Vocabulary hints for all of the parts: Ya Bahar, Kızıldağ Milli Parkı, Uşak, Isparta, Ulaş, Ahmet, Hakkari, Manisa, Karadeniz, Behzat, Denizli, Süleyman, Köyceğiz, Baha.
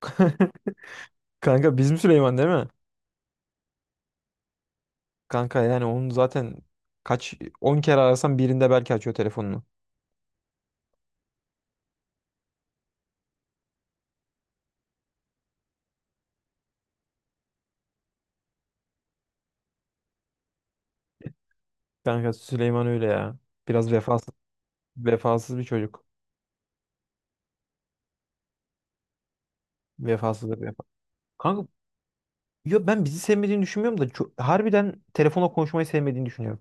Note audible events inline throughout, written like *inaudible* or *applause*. *laughs* Kanka bizim Süleyman değil mi? Kanka yani onu zaten kaç 10 kere arasan birinde belki açıyor telefonunu. Kanka Süleyman öyle ya. Biraz vefasız bir çocuk. Vefasızdır vefa. Kanka ya ben bizi sevmediğini düşünmüyorum da harbiden telefonla konuşmayı sevmediğini düşünüyorum.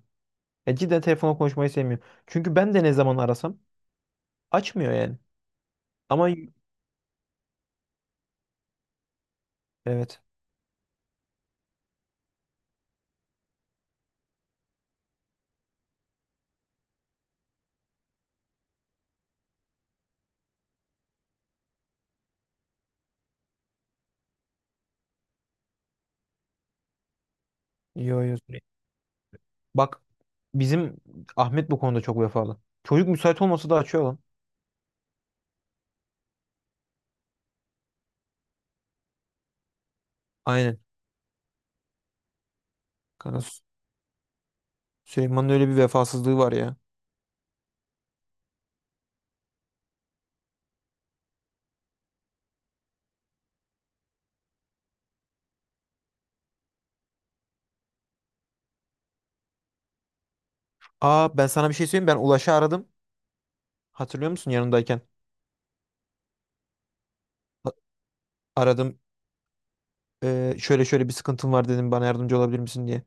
Ya cidden telefonla konuşmayı sevmiyor. Çünkü ben de ne zaman arasam açmıyor yani. Ama y- evet. Yo yo. Bak bizim Ahmet bu konuda çok vefalı. Çocuk müsait olmasa da açıyor lan. Aynen. Kanka Süleyman'ın öyle bir vefasızlığı var ya. Aa, ben sana bir şey söyleyeyim. Ben Ulaş'ı aradım. Hatırlıyor musun yanındayken? A- Aradım. Şöyle şöyle bir sıkıntım var dedim. Bana yardımcı olabilir misin diye.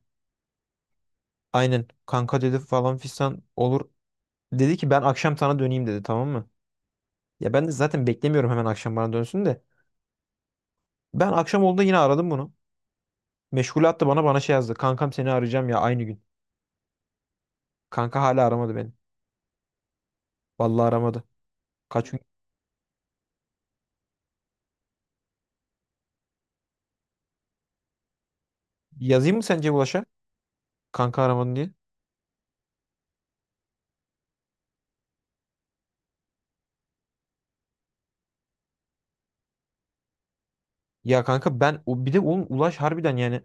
Aynen. Kanka dedi falan fistan olur. Dedi ki ben akşam sana döneyim dedi, tamam mı? Ya ben de zaten beklemiyorum hemen akşam bana dönsün de. Ben akşam oldu yine aradım bunu. Meşgul attı bana, şey yazdı. Kankam seni arayacağım ya aynı gün. Kanka hala aramadı beni. Vallahi aramadı. Kaç gün. Yazayım mı sence Ulaş'a? Kanka aramadın diye. Ya kanka ben, o bir de oğlum Ulaş harbiden yani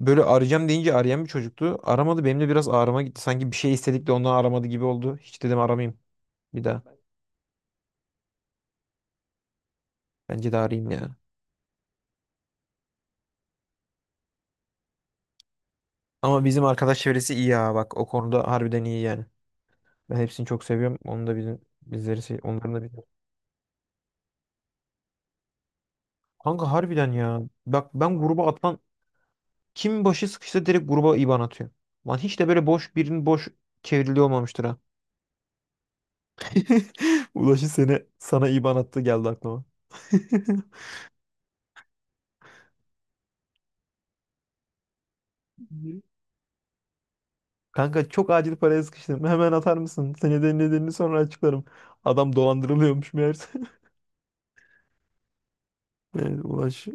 böyle arayacağım deyince arayan bir çocuktu. Aramadı, benim de biraz ağrıma gitti. Sanki bir şey istedik de ondan aramadı gibi oldu. Hiç dedim aramayayım bir daha. Bence de arayayım ya. Ama bizim arkadaş çevresi iyi ya, bak o konuda harbiden iyi yani. Ben hepsini çok seviyorum. Onu da bizim bizleri onların da bizim. Kanka harbiden ya. Bak ben gruba atlan kim başı sıkışsa direkt gruba IBAN atıyor. Lan hiç de böyle boş birinin boş çevrildiği olmamıştır ha. *laughs* Ulaşı seni sana IBAN attı geldi aklıma. *laughs* Kanka çok acil paraya sıkıştım. Hemen atar mısın? Senede nedenini sonra açıklarım. Adam dolandırılıyormuş meğerse. *laughs* Evet, Ulaş.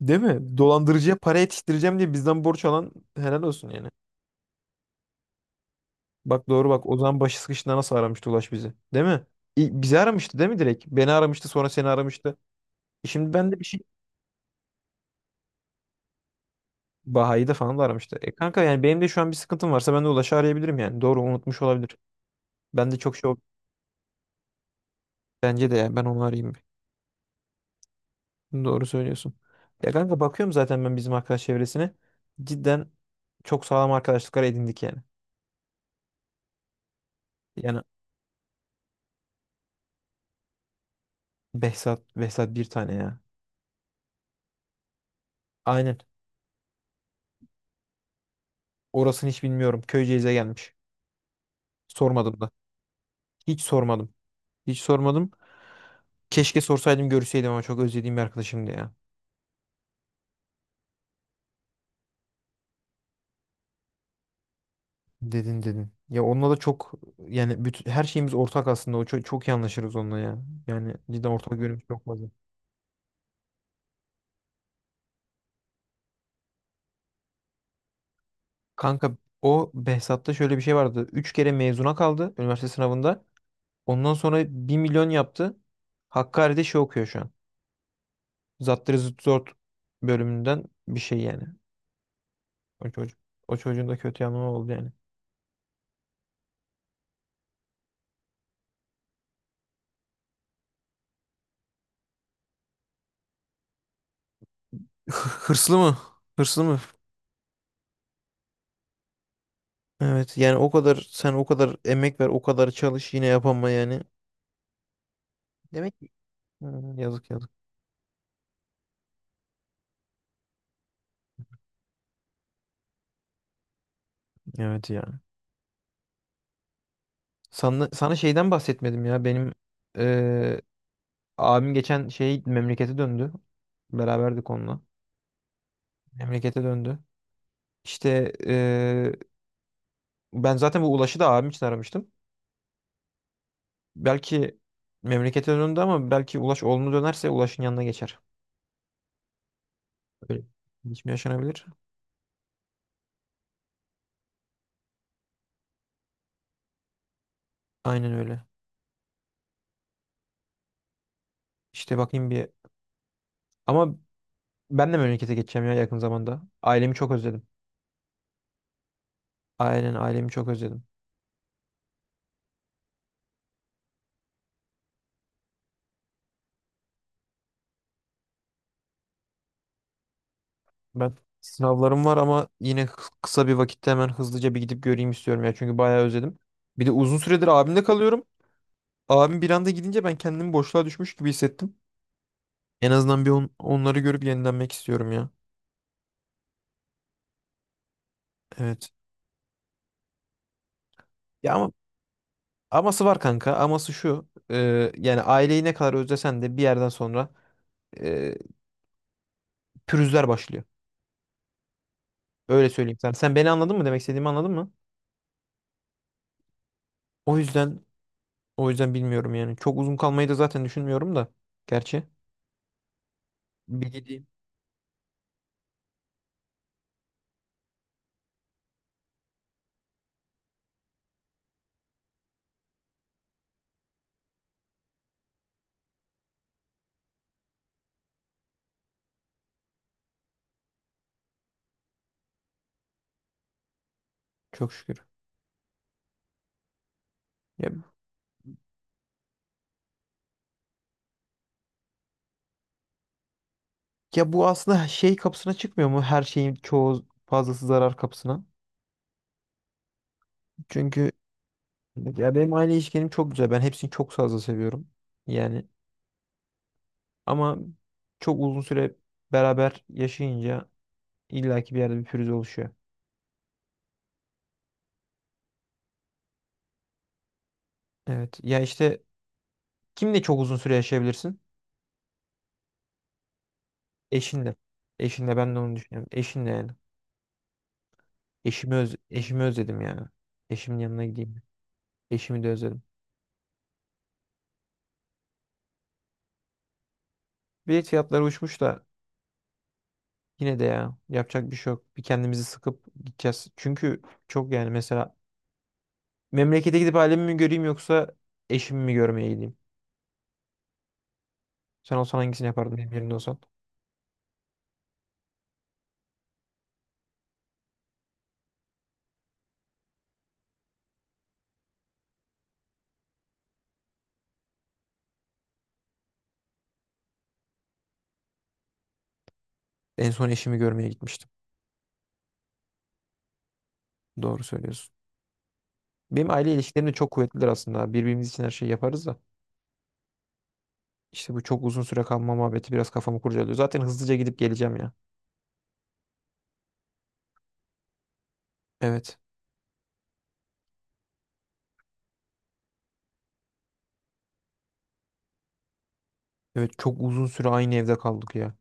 Değil mi? Dolandırıcıya para yetiştireceğim diye bizden borç alan helal olsun yani. Bak doğru, bak. O zaman başı sıkıştığında nasıl aramıştı Ulaş bizi? Değil mi? Bizi aramıştı değil mi direkt? Beni aramıştı sonra seni aramıştı. E şimdi ben de bir şey, Baha'yı da falan da aramıştı. E kanka yani benim de şu an bir sıkıntım varsa ben de Ulaş'ı arayabilirim yani. Doğru, unutmuş olabilir. Ben de çok şey ol- Bence de ya ben onu arayayım bir. Doğru söylüyorsun. Ya kanka bakıyorum zaten ben bizim arkadaş çevresine. Cidden çok sağlam arkadaşlıklar edindik yani. Yani Behzat bir tane ya. Aynen. Orasını hiç bilmiyorum. Köyceğiz'e gelmiş. Sormadım da. Hiç sormadım. Hiç sormadım. Keşke sorsaydım görseydim, ama çok özlediğim bir arkadaşımdı ya. Dedin, dedin. Ya onunla da çok yani bütün, her şeyimiz ortak aslında. O çok, çok iyi anlaşırız onunla ya. Yani cidden ortak yönümüz çok fazla. Kanka o Behzat'ta şöyle bir şey vardı. Üç kere mezuna kaldı üniversite sınavında. Ondan sonra bir milyon yaptı. Hakkari'de şey okuyor şu an. Zattır Zıtt Zort bölümünden bir şey yani. O çocuk. O çocuğun da kötü yanı oldu yani. *laughs* Hırslı mı? Hırslı mı? Evet yani o kadar, sen o kadar emek ver o kadar çalış yine yapama yani. Demek ki hı, yazık yazık. Evet ya. Sana şeyden bahsetmedim ya. Benim eee, abim geçen şey memlekete döndü. Beraberdik onunla. Memlekete döndü. İşte ben zaten bu Ulaş'ı da abim için aramıştım. Belki memlekete döndü ama belki Ulaş olumlu dönerse Ulaş'ın yanına geçer. Öyle. Hiç mi yaşanabilir? Aynen öyle. İşte bakayım bir. Ama ben de memlekete geçeceğim ya yakın zamanda. Ailemi çok özledim. Aynen, ailemi çok özledim. Ben sınavlarım var ama yine kısa bir vakitte hemen hızlıca bir gidip göreyim istiyorum ya. Çünkü bayağı özledim. Bir de uzun süredir abimde kalıyorum. Abim bir anda gidince ben kendimi boşluğa düşmüş gibi hissettim. En azından bir onları görüp yenilenmek istiyorum ya. Evet. Ya ama Aması var kanka. Aması şu. Yani aileyi ne kadar özlesen de bir yerden sonra e, pürüzler başlıyor. Öyle söyleyeyim sana. Sen beni anladın mı? Demek istediğimi anladın mı? O yüzden o yüzden bilmiyorum yani. Çok uzun kalmayı da zaten düşünmüyorum da. Gerçi. Bir gideyim. Çok şükür. Ya, ya bu aslında şey kapısına çıkmıyor mu? Her şeyin çoğu fazlası zarar kapısına. Çünkü ya benim aile ilişkilerim çok güzel. Ben hepsini çok fazla seviyorum. Yani ama çok uzun süre beraber yaşayınca illaki bir yerde bir pürüz oluşuyor. Evet. Ya işte kimle çok uzun süre yaşayabilirsin? Eşinle. Eşinle ben de onu düşünüyorum. Eşinle yani. Eşimi özledim yani. Eşimin yanına gideyim. Eşimi de özledim. Bilet fiyatları uçmuş da yine de ya yapacak bir şey yok. Bir kendimizi sıkıp gideceğiz. Çünkü çok yani mesela memlekete gidip ailemi mi göreyim yoksa eşimi mi görmeye gideyim? Sen olsan hangisini yapardın benim yerimde olsan? En son eşimi görmeye gitmiştim. Doğru söylüyorsun. Benim aile ilişkilerim de çok kuvvetlidir aslında. Birbirimiz için her şeyi yaparız da. İşte bu çok uzun süre kalma muhabbeti biraz kafamı kurcalıyor. Zaten hızlıca gidip geleceğim ya. Evet. Evet, çok uzun süre aynı evde kaldık ya.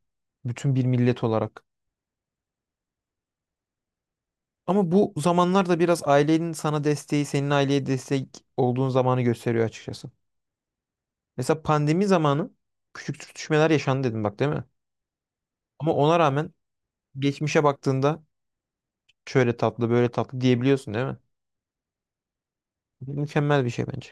Bütün bir millet olarak. Ama bu zamanlarda biraz ailenin sana desteği, senin aileye destek olduğun zamanı gösteriyor açıkçası. Mesela pandemi zamanı küçük sürtüşmeler yaşandı dedim bak, değil mi? Ama ona rağmen geçmişe baktığında şöyle tatlı, böyle tatlı diyebiliyorsun değil mi? Mükemmel bir şey bence.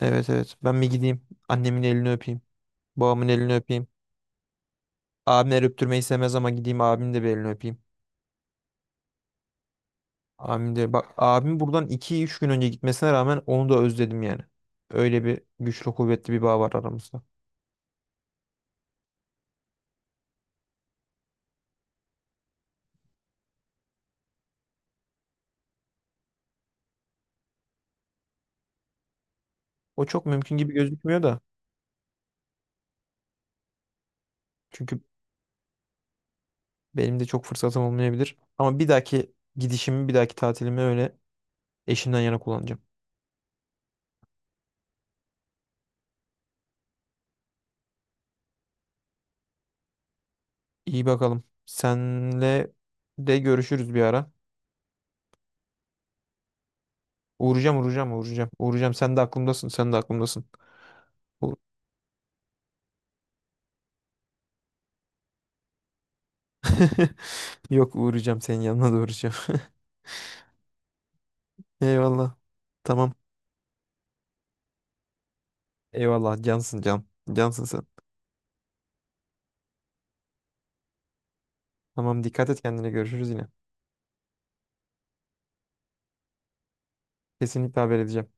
Evet, evet. Ben bir gideyim. Annemin elini öpeyim. Babamın elini öpeyim. Abimler öptürmeyi sevmez ama gideyim abimin de bir elini öpeyim. Abim de, bak abim buradan iki üç gün önce gitmesine rağmen onu da özledim yani. Öyle bir güçlü kuvvetli bir bağ var aramızda. O çok mümkün gibi gözükmüyor da. Çünkü benim de çok fırsatım olmayabilir. Ama bir dahaki gidişimi, bir dahaki tatilimi öyle eşimden yana kullanacağım. İyi bakalım. Senle de görüşürüz bir ara. Uğrayacağım. Uğrayacağım, sen de aklımdasın. Sen de aklımdasın Uğ- *laughs* Yok, uğrayacağım, senin yanına da uğrayacağım. *laughs* Eyvallah. Tamam. Eyvallah, cansın can. Cansın sen. Tamam, dikkat et kendine, görüşürüz yine. Kesinlikle haber edeceğim.